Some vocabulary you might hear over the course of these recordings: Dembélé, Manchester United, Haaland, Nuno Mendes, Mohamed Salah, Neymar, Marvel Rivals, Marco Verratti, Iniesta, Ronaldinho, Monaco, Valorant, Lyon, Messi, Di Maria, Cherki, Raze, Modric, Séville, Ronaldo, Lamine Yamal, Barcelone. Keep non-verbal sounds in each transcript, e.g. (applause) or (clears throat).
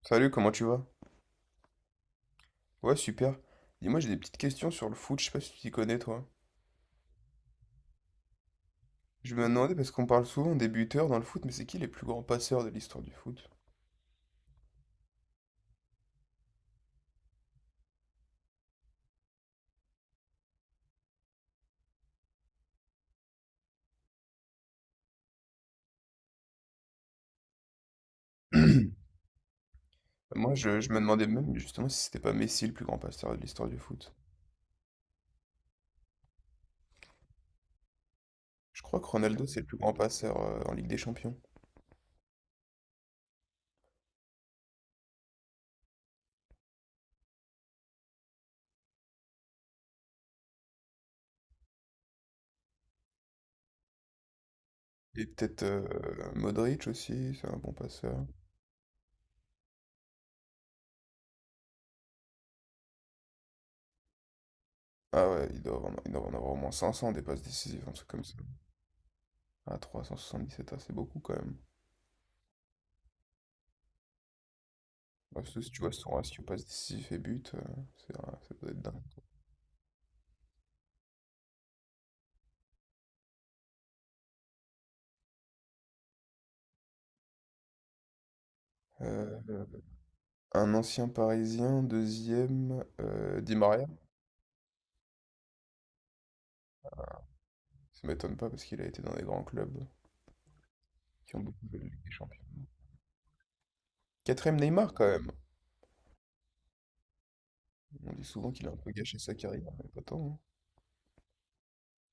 Salut, comment tu vas? Ouais, super. Dis-moi, j'ai des petites questions sur le foot, je sais pas si tu t'y connais, toi. Je me demandais, parce qu'on parle souvent des buteurs dans le foot, mais c'est qui les plus grands passeurs de l'histoire du foot? (clears throat) Moi, je me demandais même justement si c'était pas Messi le plus grand passeur de l'histoire du foot. Je crois que Ronaldo, c'est le plus grand passeur en Ligue des Champions. Et peut-être Modric aussi, c'est un bon passeur. Ah ouais, il doit en avoir au moins 500 des passes décisives, un truc comme ça. Ah, 377, ah, c'est beaucoup quand même. Bah, surtout si tu vois son ratio passes décisives et buts, c'est, ça doit être dingue. Euh, un ancien Parisien, deuxième, Di Maria. Ça m'étonne pas parce qu'il a été dans des grands clubs qui ont beaucoup joué la Ligue des Champions. Quatrième Neymar quand même. On dit souvent qu'il a un peu gâché sa carrière, mais pas tant, hein.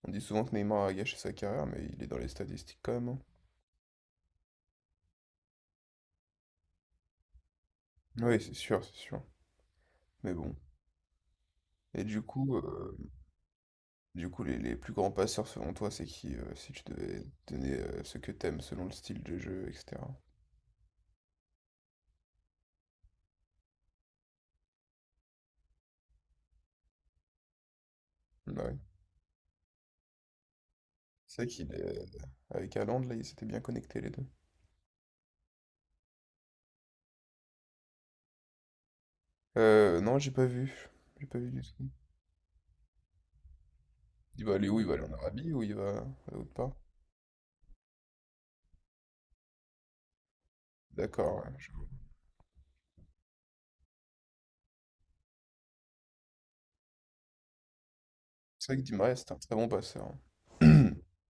On dit souvent que Neymar a gâché sa carrière, mais il est dans les statistiques quand même, hein. Oui, c'est sûr, c'est sûr. Mais bon. Et du coup, les plus grands passeurs selon toi, c'est qui si tu devais donner ce que t'aimes selon le style de jeu, etc. Ouais. C'est vrai qu'il est. Avec Haaland, là, ils s'étaient bien connectés les deux. Non, j'ai pas vu. J'ai pas vu du tout. Il va aller où? Il va aller en Arabie ou il va à l'autre part? D'accord, ouais, je vois. C'est vrai que Di Maria, c'est un très bon passeur, hein. (clears throat)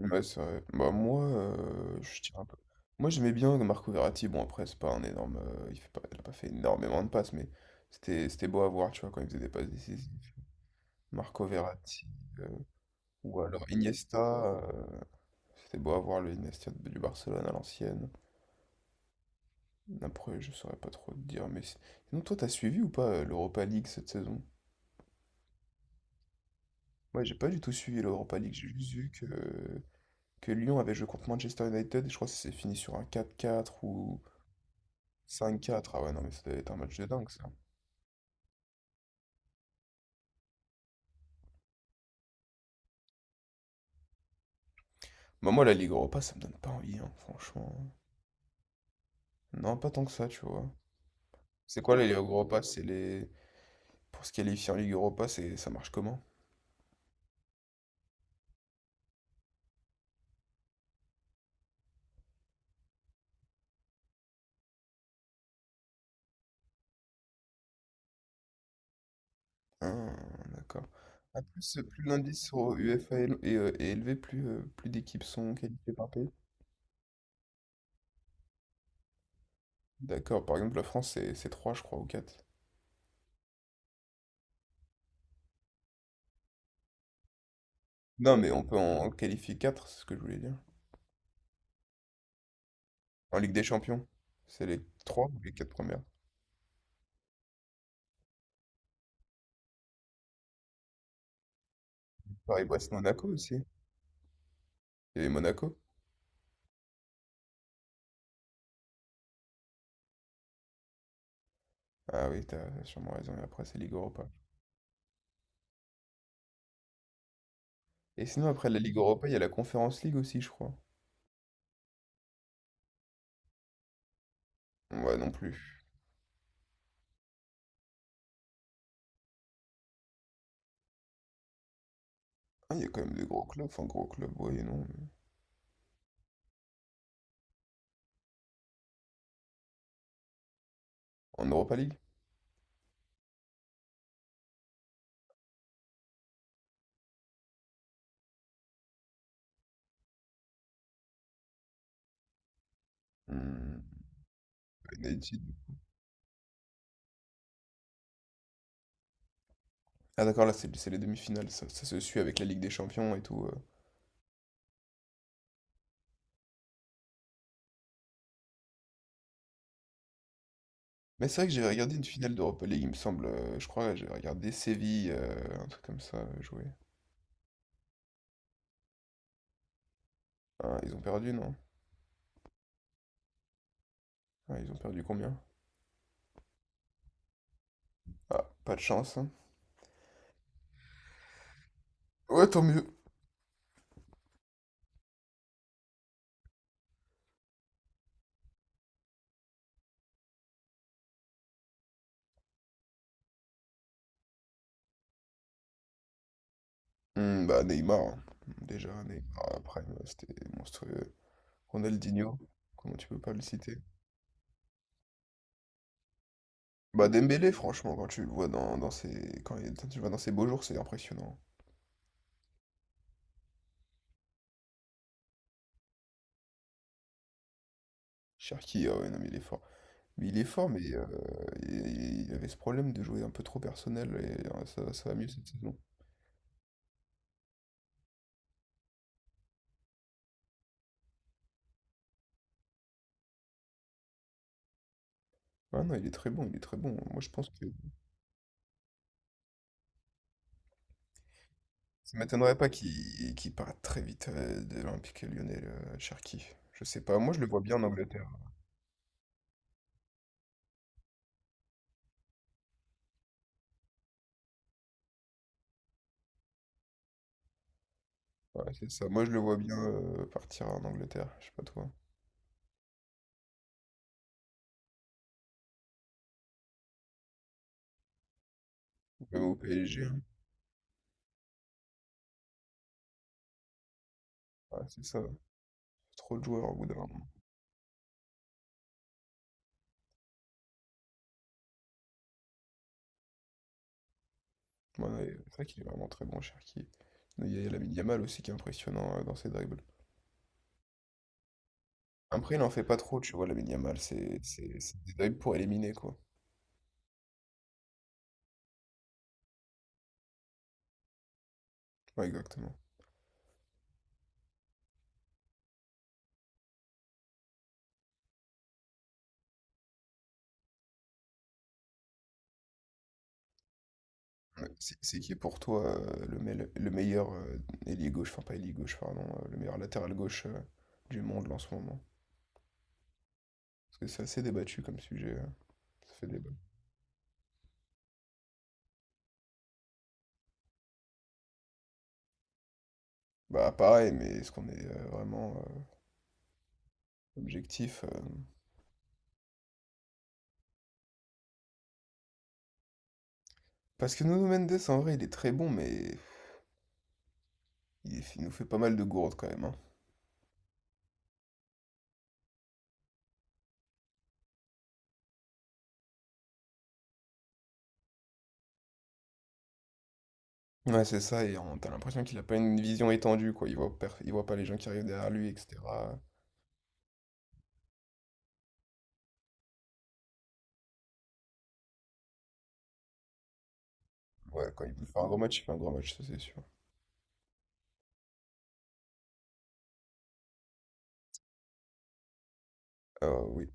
Ouais, c'est vrai. Bah, moi, je tiens un peu. Moi, j'aimais bien Marco Verratti. Bon, après, c'est pas un énorme, il a pas fait énormément de passes, mais c'était beau à voir, tu vois, quand il faisait des passes décisives. Marco Verratti, euh, ou alors Iniesta. C'était beau à voir le Iniesta du Barcelone à l'ancienne. Après, je saurais pas trop te dire, mais sinon, toi, t'as suivi ou pas l'Europa League cette saison? Ouais, j'ai pas du tout suivi l'Europa League, j'ai juste vu que Lyon avait joué contre Manchester United et je crois que c'est fini sur un 4-4 ou 5-4. Ah ouais, non, mais ça devait être un match de dingue, ça. Bah, moi, la Ligue Europa, ça me donne pas envie, hein, franchement. Non, pas tant que ça, tu vois. C'est quoi la Ligue Europa? Pour se qualifier en Ligue Europa, ça marche comment? Ah, d'accord. Ah, plus l'indice au UEFA est élevé, plus d'équipes sont qualifiées par pays. D'accord, par exemple, la France, c'est 3 je crois, ou quatre. Non, mais on peut en qualifier quatre, c'est ce que je voulais dire. En Ligue des Champions, c'est les 3 ou les 4 premières. Paris-Brest-Monaco aussi. Il y avait Monaco. Ah oui, t'as sûrement raison, et après, c'est Ligue Europa. Et sinon, après la Ligue Europa, il y a la Conference League aussi, je crois. Ouais, non plus. Ah, il y a quand même des gros clubs, enfin, gros clubs, ouais et non. En Europa League? Hmm. United. Ah d'accord, là c'est les demi-finales, ça se suit avec la Ligue des Champions et tout. Mais c'est vrai que j'avais regardé une finale d'Europa League, il me semble. Je crois que j'avais regardé Séville, un truc comme ça, jouer. Ah, ils ont perdu, non? Ah, ils ont perdu combien? Ah, pas de chance, hein. Ouais, tant mieux. Hmm, bah Neymar, hein. Déjà Neymar, après c'était monstrueux. Ronaldinho, comment tu peux pas le citer? Bah Dembélé, franchement, quand tu le vois dans, quand tu le vois dans ses beaux jours, c'est impressionnant. Cherki, ah ouais, non mais il est fort. Mais il est fort, mais il avait ce problème de jouer un peu trop personnel et ça, ça va mieux cette saison. Ah non, il est très bon, il est très bon. Moi, je pense que ça m'étonnerait pas qu'il parte très vite de l'Olympique lyonnais, le Cherki. Je sais pas, moi je le vois bien en Angleterre. Ouais, c'est ça. Moi je le vois bien partir en Angleterre, je sais pas toi. Ou même au PSG, hein. Ouais, c'est ça. Trop de joueurs au bout d'un moment. Ouais, c'est vrai qu'il est vraiment très bon, Cherki. Il y a Lamine Yamal aussi qui est impressionnant dans ses dribbles. Après, il en fait pas trop, tu vois, Lamine Yamal. C'est des dribles pour éliminer, quoi. Ouais, exactement. Ouais, c'est qui est pour toi le meilleur ailier gauche, enfin pas ailier gauche, pardon, le meilleur latéral gauche du monde là, en ce moment? Parce que c'est assez débattu comme sujet. Ça fait débat. Bah pareil, mais est-ce qu'on est vraiment objectif? Parce que Nuno Mendes, en vrai, il est très bon, mais il nous fait pas mal de gourdes quand même, hein. Ouais, c'est ça, et t'as l'impression qu'il a pas une vision étendue, quoi. Il voit pas les gens qui arrivent derrière lui, etc. Ouais, quand il veut faire un gros match, il fait un gros match, ça c'est sûr. Ah oui,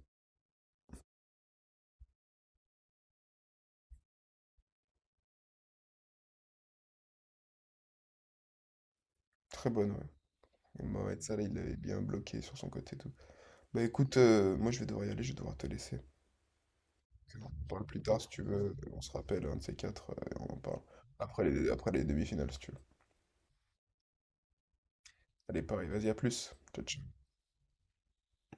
très bonne, ouais. Et Mohamed Salah, il l'avait bien bloqué sur son côté et tout. Bah écoute, moi je vais devoir y aller, je vais devoir te laisser. On en parle plus tard si tu veux, on se rappelle un de ces quatre et on en parle. Après après les demi-finales si tu veux. Allez, pareil, vas-y, à plus. Ciao, ciao.